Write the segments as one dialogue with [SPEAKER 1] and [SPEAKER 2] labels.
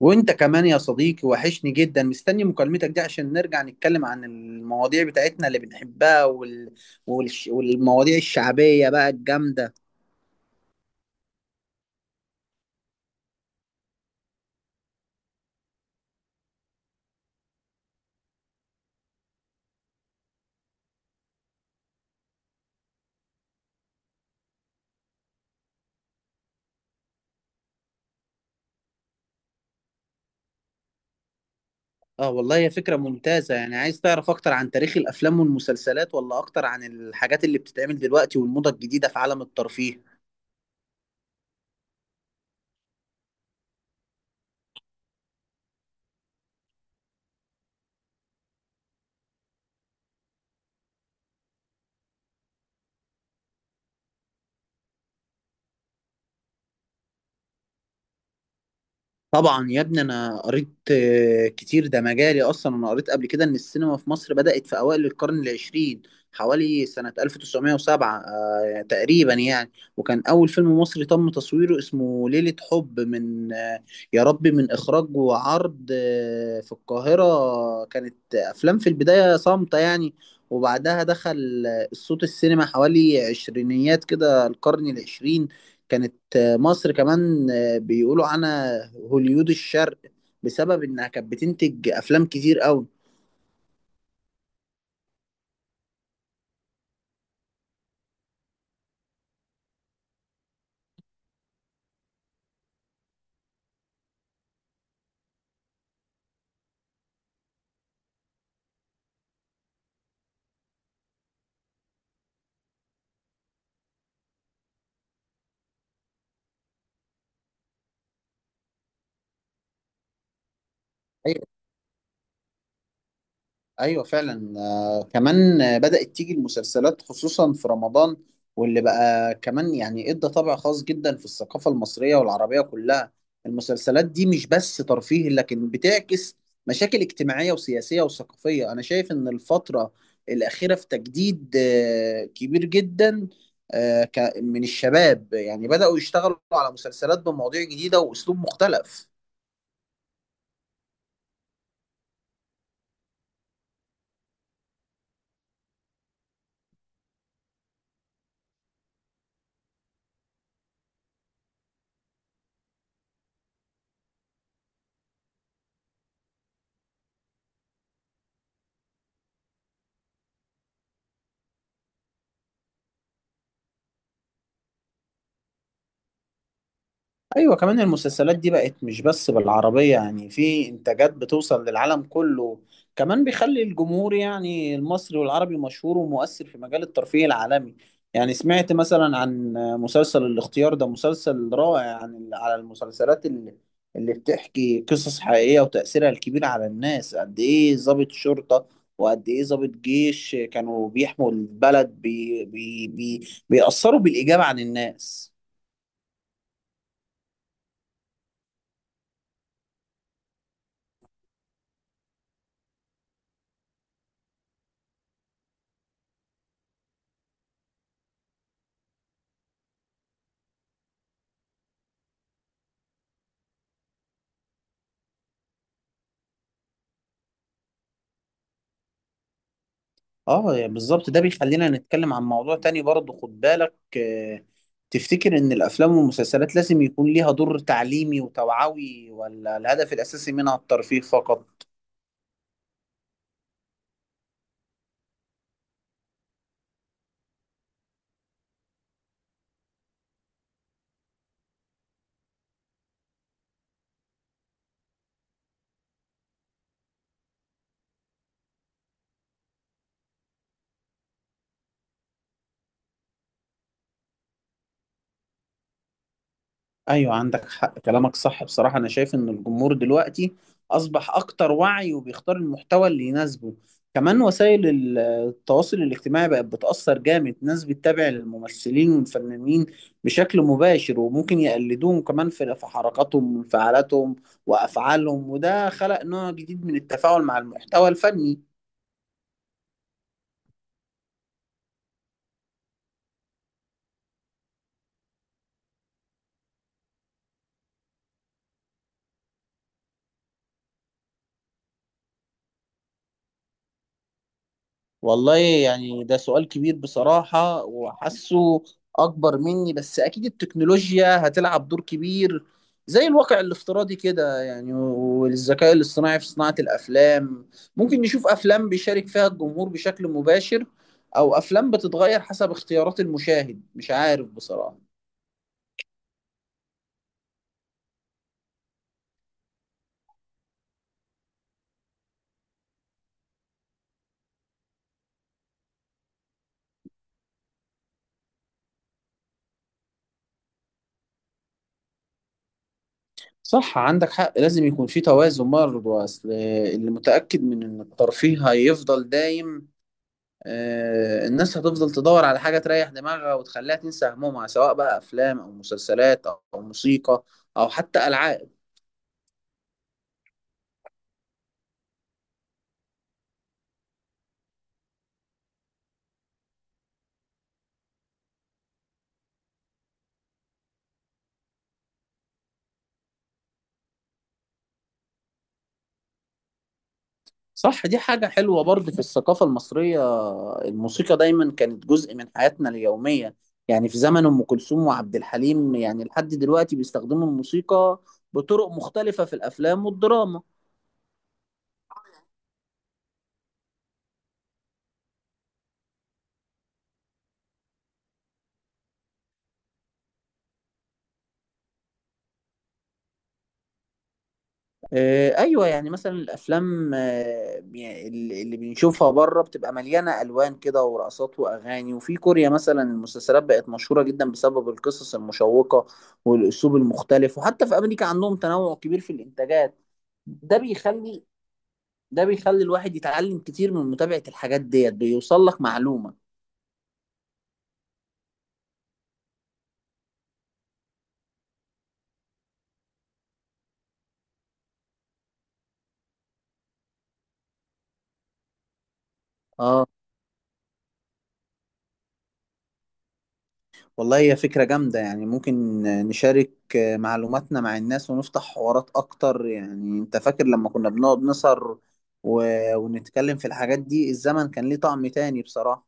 [SPEAKER 1] وانت كمان يا صديقي، وحشني جدا. مستني مكالمتك دي عشان نرجع نتكلم عن المواضيع بتاعتنا اللي بنحبها والمواضيع الشعبية بقى الجامدة. اه، والله هي فكرة ممتازة. يعني عايز تعرف اكتر عن تاريخ الافلام والمسلسلات، ولا اكتر عن الحاجات اللي بتتعمل دلوقتي والموضة الجديدة في عالم الترفيه؟ طبعا يا ابني، انا قريت كتير، ده مجالي اصلا. انا قريت قبل كده ان السينما في مصر بدأت في اوائل القرن العشرين، حوالي سنة 1907 تقريبا يعني. وكان اول فيلم مصري تم تصويره اسمه ليلة حب، من يا ربي، من اخراج وعرض في القاهرة. كانت افلام في البداية صامتة يعني، وبعدها دخل الصوت السينما حوالي عشرينيات كده القرن العشرين. كانت مصر كمان بيقولوا عنها هوليود الشرق، بسبب انها كانت بتنتج افلام كتير قوي. ايوه فعلا. كمان بدأت تيجي المسلسلات خصوصا في رمضان، واللي بقى كمان يعني ادى طابع خاص جدا في الثقافة المصرية والعربية كلها. المسلسلات دي مش بس ترفيه، لكن بتعكس مشاكل اجتماعية وسياسية وثقافية. انا شايف ان الفترة الأخيرة في تجديد كبير جدا، من الشباب يعني بدأوا يشتغلوا على مسلسلات بمواضيع جديدة وأسلوب مختلف. ايوه، كمان المسلسلات دي بقت مش بس بالعربية، يعني في انتاجات بتوصل للعالم كله، كمان بيخلي الجمهور يعني المصري والعربي مشهور ومؤثر في مجال الترفيه العالمي. يعني سمعت مثلا عن مسلسل الاختيار، ده مسلسل رائع عن على المسلسلات اللي بتحكي قصص حقيقية وتأثيرها الكبير على الناس، قد ايه ضابط شرطة وقد ايه ضابط جيش كانوا بيحموا البلد، بي بي بي بيأثروا بالإيجاب عن الناس. اه يعني بالظبط. ده بيخلينا نتكلم عن موضوع تاني برضه، خد بالك. تفتكر ان الافلام والمسلسلات لازم يكون ليها دور تعليمي وتوعوي، ولا الهدف الاساسي منها الترفيه فقط؟ ايوه، عندك حق، كلامك صح بصراحة. انا شايف ان الجمهور دلوقتي اصبح اكتر وعي وبيختار المحتوى اللي يناسبه. كمان وسائل التواصل الاجتماعي بقت بتأثر جامد، ناس بتتابع الممثلين والفنانين بشكل مباشر وممكن يقلدوهم كمان في حركاتهم وانفعالاتهم وافعالهم، وده خلق نوع جديد من التفاعل مع المحتوى الفني. والله يعني ده سؤال كبير بصراحة، وحاسه أكبر مني، بس أكيد التكنولوجيا هتلعب دور كبير، زي الواقع الافتراضي كده يعني، والذكاء الاصطناعي في صناعة الأفلام. ممكن نشوف أفلام بيشارك فيها الجمهور بشكل مباشر، أو أفلام بتتغير حسب اختيارات المشاهد. مش عارف بصراحة. صح، عندك حق، لازم يكون في توازن برضه. أصل اللي متأكد من إن الترفيه هيفضل دايم. الناس هتفضل تدور على حاجة تريح دماغها وتخليها تنسى همومها، سواء بقى أفلام أو مسلسلات أو موسيقى أو حتى ألعاب. صح، دي حاجة حلوة برضه في الثقافة المصرية. الموسيقى دايما كانت جزء من حياتنا اليومية، يعني في زمن أم كلثوم وعبد الحليم، يعني لحد دلوقتي بيستخدموا الموسيقى بطرق مختلفة في الأفلام والدراما. ايوه، يعني مثلا الافلام، يعني اللي بنشوفها بره بتبقى مليانه الوان كده ورقصات واغاني. وفي كوريا مثلا المسلسلات بقت مشهوره جدا بسبب القصص المشوقه والاسلوب المختلف، وحتى في امريكا عندهم تنوع كبير في الانتاجات. ده بيخلي ده بيخلي الواحد يتعلم كتير من متابعه الحاجات ديت، بيوصل لك معلومه. اه والله، هي فكرة جامدة يعني. ممكن نشارك معلوماتنا مع الناس ونفتح حوارات أكتر. يعني أنت فاكر لما كنا بنقعد نسهر و... ونتكلم في الحاجات دي؟ الزمن كان ليه طعم تاني بصراحة.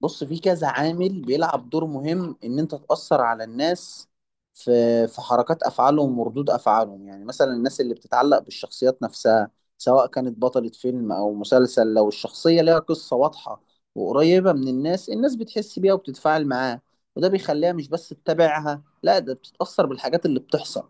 [SPEAKER 1] بص، في كذا عامل بيلعب دور مهم ان انت تأثر على الناس، في في حركات افعالهم وردود افعالهم، يعني مثلا الناس اللي بتتعلق بالشخصيات نفسها، سواء كانت بطلة فيلم او مسلسل. لو الشخصية ليها قصة واضحة وقريبة من الناس، الناس بتحس بيها وبتتفاعل معاها، وده بيخليها مش بس تتابعها، لا ده بتتأثر بالحاجات اللي بتحصل.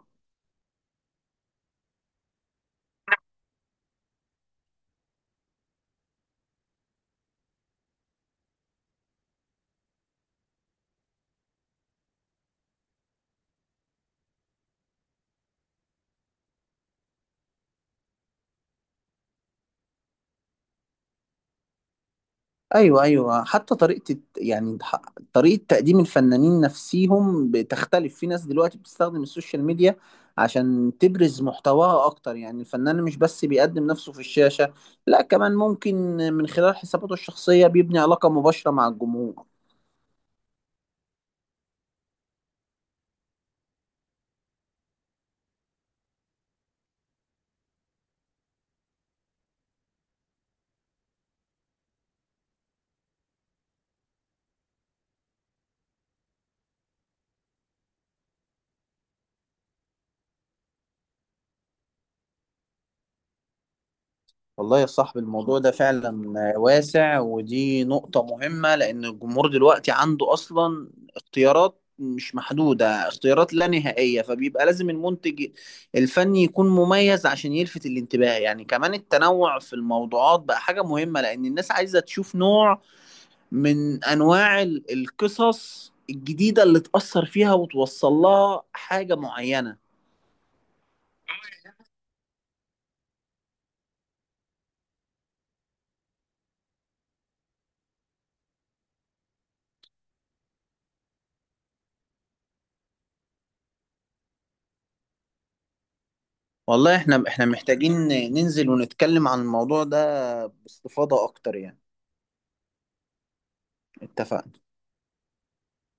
[SPEAKER 1] ايوه، ايوه. حتى طريقه يعني طريقه تقديم الفنانين نفسيهم بتختلف. في ناس دلوقتي بتستخدم السوشيال ميديا عشان تبرز محتواها اكتر، يعني الفنان مش بس بيقدم نفسه في الشاشه، لا كمان ممكن من خلال حساباته الشخصيه بيبني علاقه مباشره مع الجمهور. والله يا صاحبي، الموضوع ده فعلا واسع، ودي نقطة مهمة، لأن الجمهور دلوقتي عنده أصلا اختيارات مش محدودة، اختيارات لا نهائية، فبيبقى لازم المنتج الفني يكون مميز عشان يلفت الانتباه. يعني كمان التنوع في الموضوعات بقى حاجة مهمة، لأن الناس عايزة تشوف نوع من أنواع القصص الجديدة اللي تأثر فيها وتوصل لها حاجة معينة. والله احنا محتاجين ننزل ونتكلم عن الموضوع ده باستفاضة اكتر يعني. اتفقنا.